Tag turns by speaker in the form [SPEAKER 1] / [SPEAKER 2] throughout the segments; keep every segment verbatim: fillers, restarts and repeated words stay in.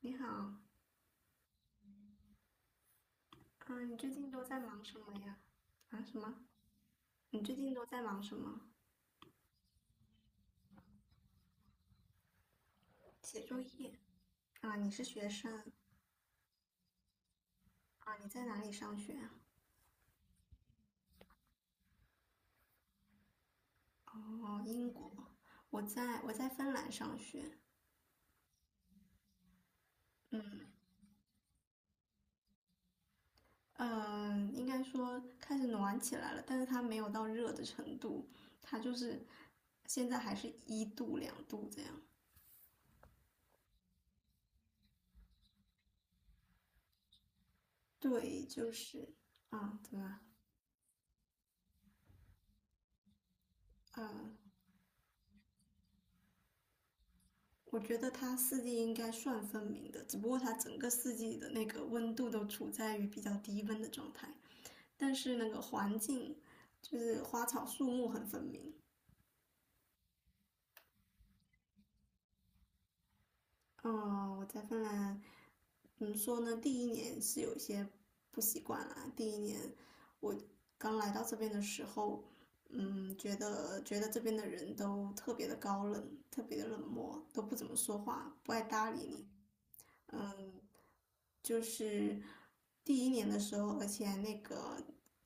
[SPEAKER 1] 你好，嗯，你最近都在忙什么呀？啊，什么？你最近都在忙什么？写作业啊？你是学生啊？你在哪里上学啊？哦，英国，我在我在芬兰上学。嗯，应该说开始暖起来了，但是它没有到热的程度，它就是现在还是一度两度这样。对，就是啊，怎么了？呃，我觉得它四季应该算分明的，只不过它整个四季的那个温度都处在于比较低温的状态，但是那个环境就是花草树木很分明。嗯，我在芬兰，怎么说呢？第一年是有些不习惯啦。第一年我刚来到这边的时候，嗯，觉得觉得这边的人都特别的高冷，特别的冷漠，都不怎么说话，不爱搭理你。嗯，就是第一年的时候，而且那个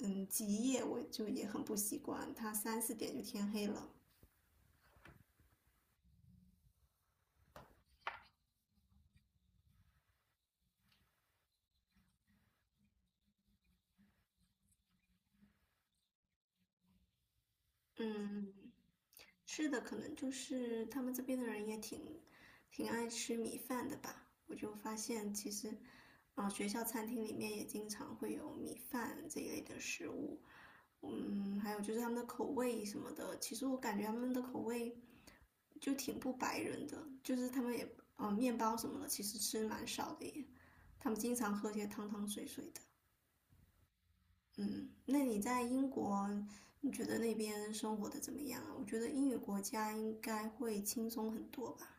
[SPEAKER 1] 嗯极夜我就也很不习惯，它三四点就天黑了。嗯，吃的，可能就是他们这边的人也挺挺爱吃米饭的吧。我就发现其实，啊、学校餐厅里面也经常会有米饭这一类的食物。嗯，还有就是他们的口味什么的，其实我感觉他们的口味就挺不白人的，就是他们也，呃，面包什么的其实吃蛮少的耶。他们经常喝些汤汤水水的。嗯，那你在英国，你觉得那边生活的怎么样啊？我觉得英语国家应该会轻松很多吧。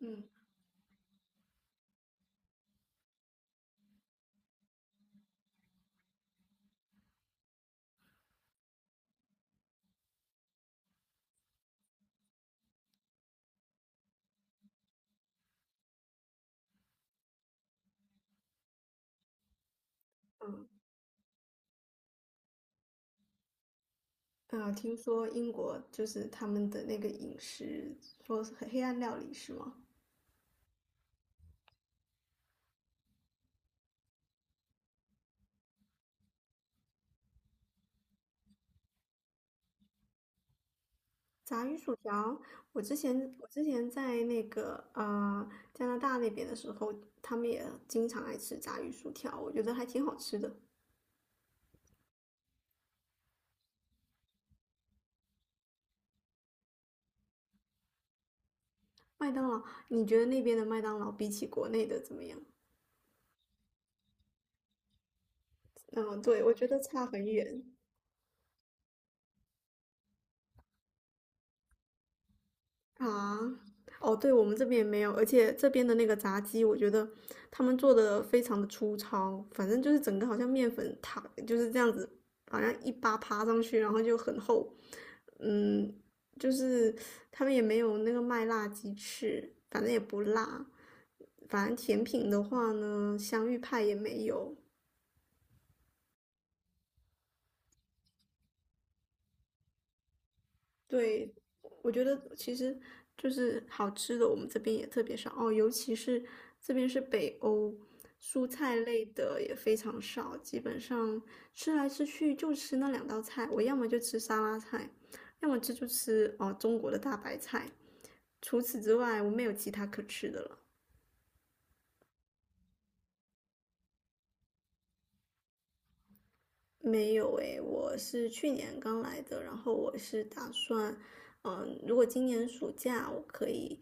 [SPEAKER 1] 嗯。嗯。啊，听说英国就是他们的那个饮食，说是黑暗料理是吗？炸鱼薯条，我之前我之前在那个呃加拿大那边的时候，他们也经常爱吃炸鱼薯条，我觉得还挺好吃的。麦当劳，你觉得那边的麦当劳比起国内的怎么样？嗯，对，我觉得差很远。啊，哦，对，我们这边也没有，而且这边的那个炸鸡，我觉得他们做的非常的粗糙，反正就是整个好像面粉塔就是这样子，好像一扒扒上去，然后就很厚，嗯，就是他们也没有那个麦辣鸡翅，反正也不辣，反正甜品的话呢，香芋派也没有，对，我觉得其实就是好吃的，我们这边也特别少哦，尤其是这边是北欧，蔬菜类的也非常少，基本上吃来吃去就吃那两道菜，我要么就吃沙拉菜，要么这就吃哦中国的大白菜，除此之外我没有其他可吃的了。没有诶，我是去年刚来的，然后我是打算，嗯、如果今年暑假我可以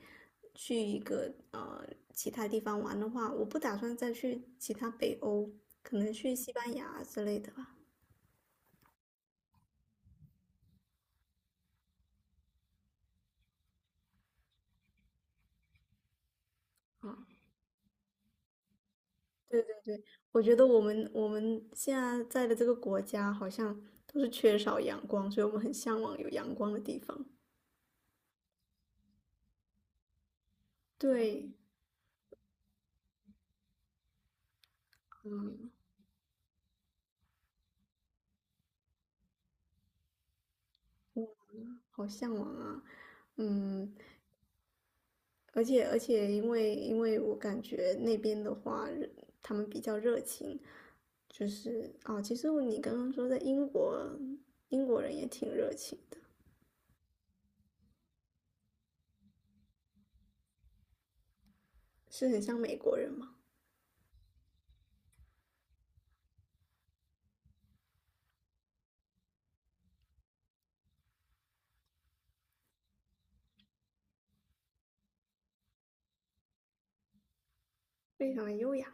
[SPEAKER 1] 去一个呃其他地方玩的话，我不打算再去其他北欧，可能去西班牙之类的吧。啊，对对，我觉得我们我们现在在的这个国家好像都是缺少阳光，所以我们很向往有阳光的地方。对，好向往啊。嗯，而且而且，因为因为我感觉那边的话，他们比较热情，就是哦，其实你刚刚说在英国，英国人也挺热情的，是很像美国人嘛，非常的优雅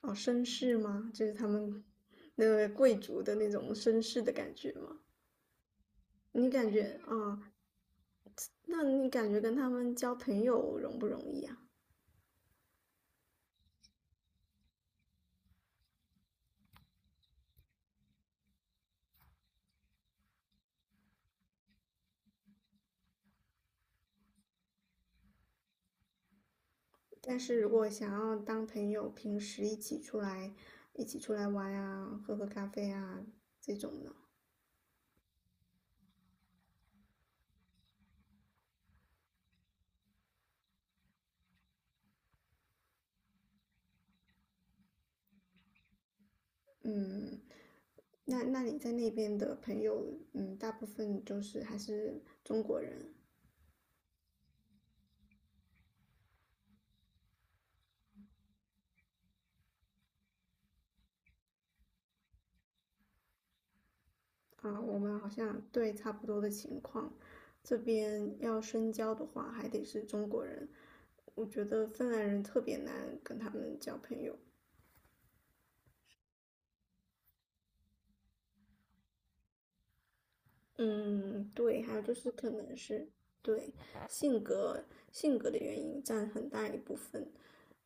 [SPEAKER 1] 哦，绅士吗？就是他们那个贵族的那种绅士的感觉吗？你感觉啊、哦那你感觉跟他们交朋友容不容易啊？但是如果想要当朋友，平时一起出来，一起出来玩啊，喝喝咖啡啊，这种的，嗯，那那你在那边的朋友，嗯，大部分就是还是中国人啊，我们好像对差不多的情况，这边要深交的话，还得是中国人，我觉得芬兰人特别难跟他们交朋友，嗯，对，还有就是可能是对性格性格的原因占很大一部分，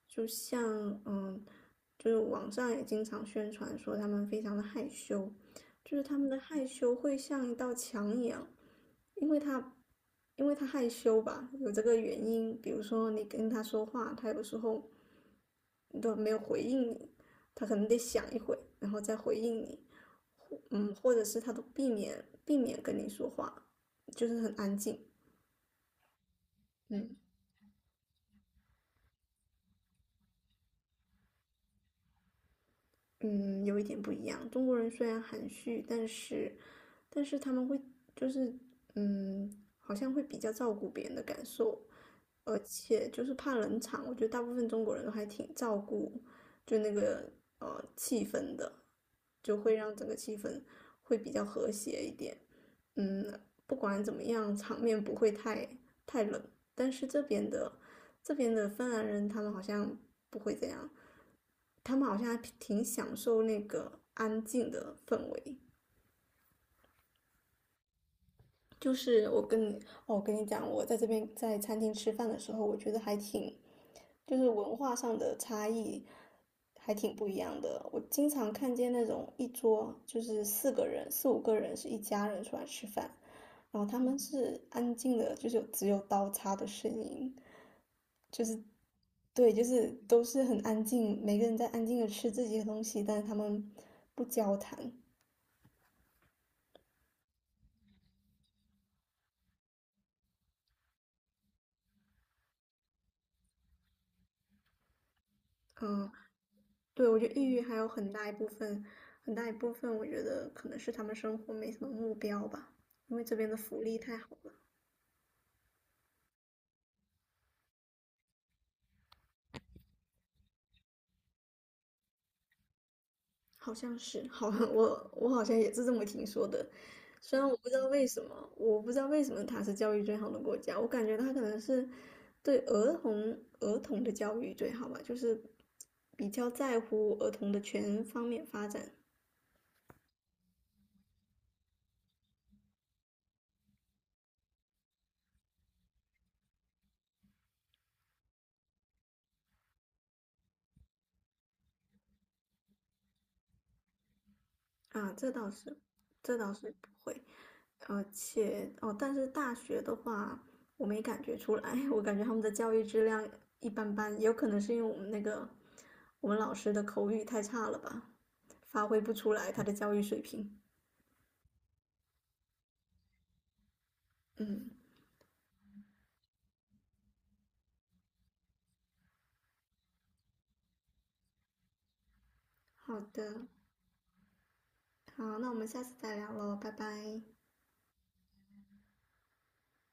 [SPEAKER 1] 就像嗯，就是网上也经常宣传说他们非常的害羞，就是他们的害羞会像一道墙一样，因为他因为他害羞吧，有这个原因，比如说你跟他说话，他有时候都没有回应你，他可能得想一会，然后再回应你。嗯，或者是他都避免避免跟你说话，就是很安静。嗯。嗯，有一点不一样。中国人虽然含蓄，但是但是他们会就是嗯，好像会比较照顾别人的感受，而且就是怕冷场，我觉得大部分中国人都还挺照顾就那个呃气氛的，就会让整个气氛会比较和谐一点。嗯，不管怎么样，场面不会太太冷。但是这边的这边的芬兰人，他们好像不会这样，他们好像还挺享受那个安静的氛围。就是我跟你，哦，我跟你讲，我在这边在餐厅吃饭的时候，我觉得还挺就是文化上的差异还挺不一样的。我经常看见那种一桌就是四个人、四五个人是一家人出来吃饭，然后他们是安静的，就是有只有刀叉的声音，对，就是都是很安静，每个人在安静的吃自己的东西，但是他们不交谈。嗯，对，我觉得抑郁还有很大一部分，很大一部分我觉得可能是他们生活没什么目标吧，因为这边的福利太好了。好像是，好，我我好像也是这么听说的。虽然我不知道为什么，我不知道为什么它是教育最好的国家，我感觉它可能是对儿童儿童的教育最好吧，就是比较在乎儿童的全方面发展啊，这倒是，这倒是不会。而且哦，但是大学的话，我没感觉出来，我感觉他们的教育质量一般般，有可能是因为我们那个我们老师的口语太差了吧，发挥不出来他的教育水平。嗯，好的，好，那我们下次再聊喽，拜拜。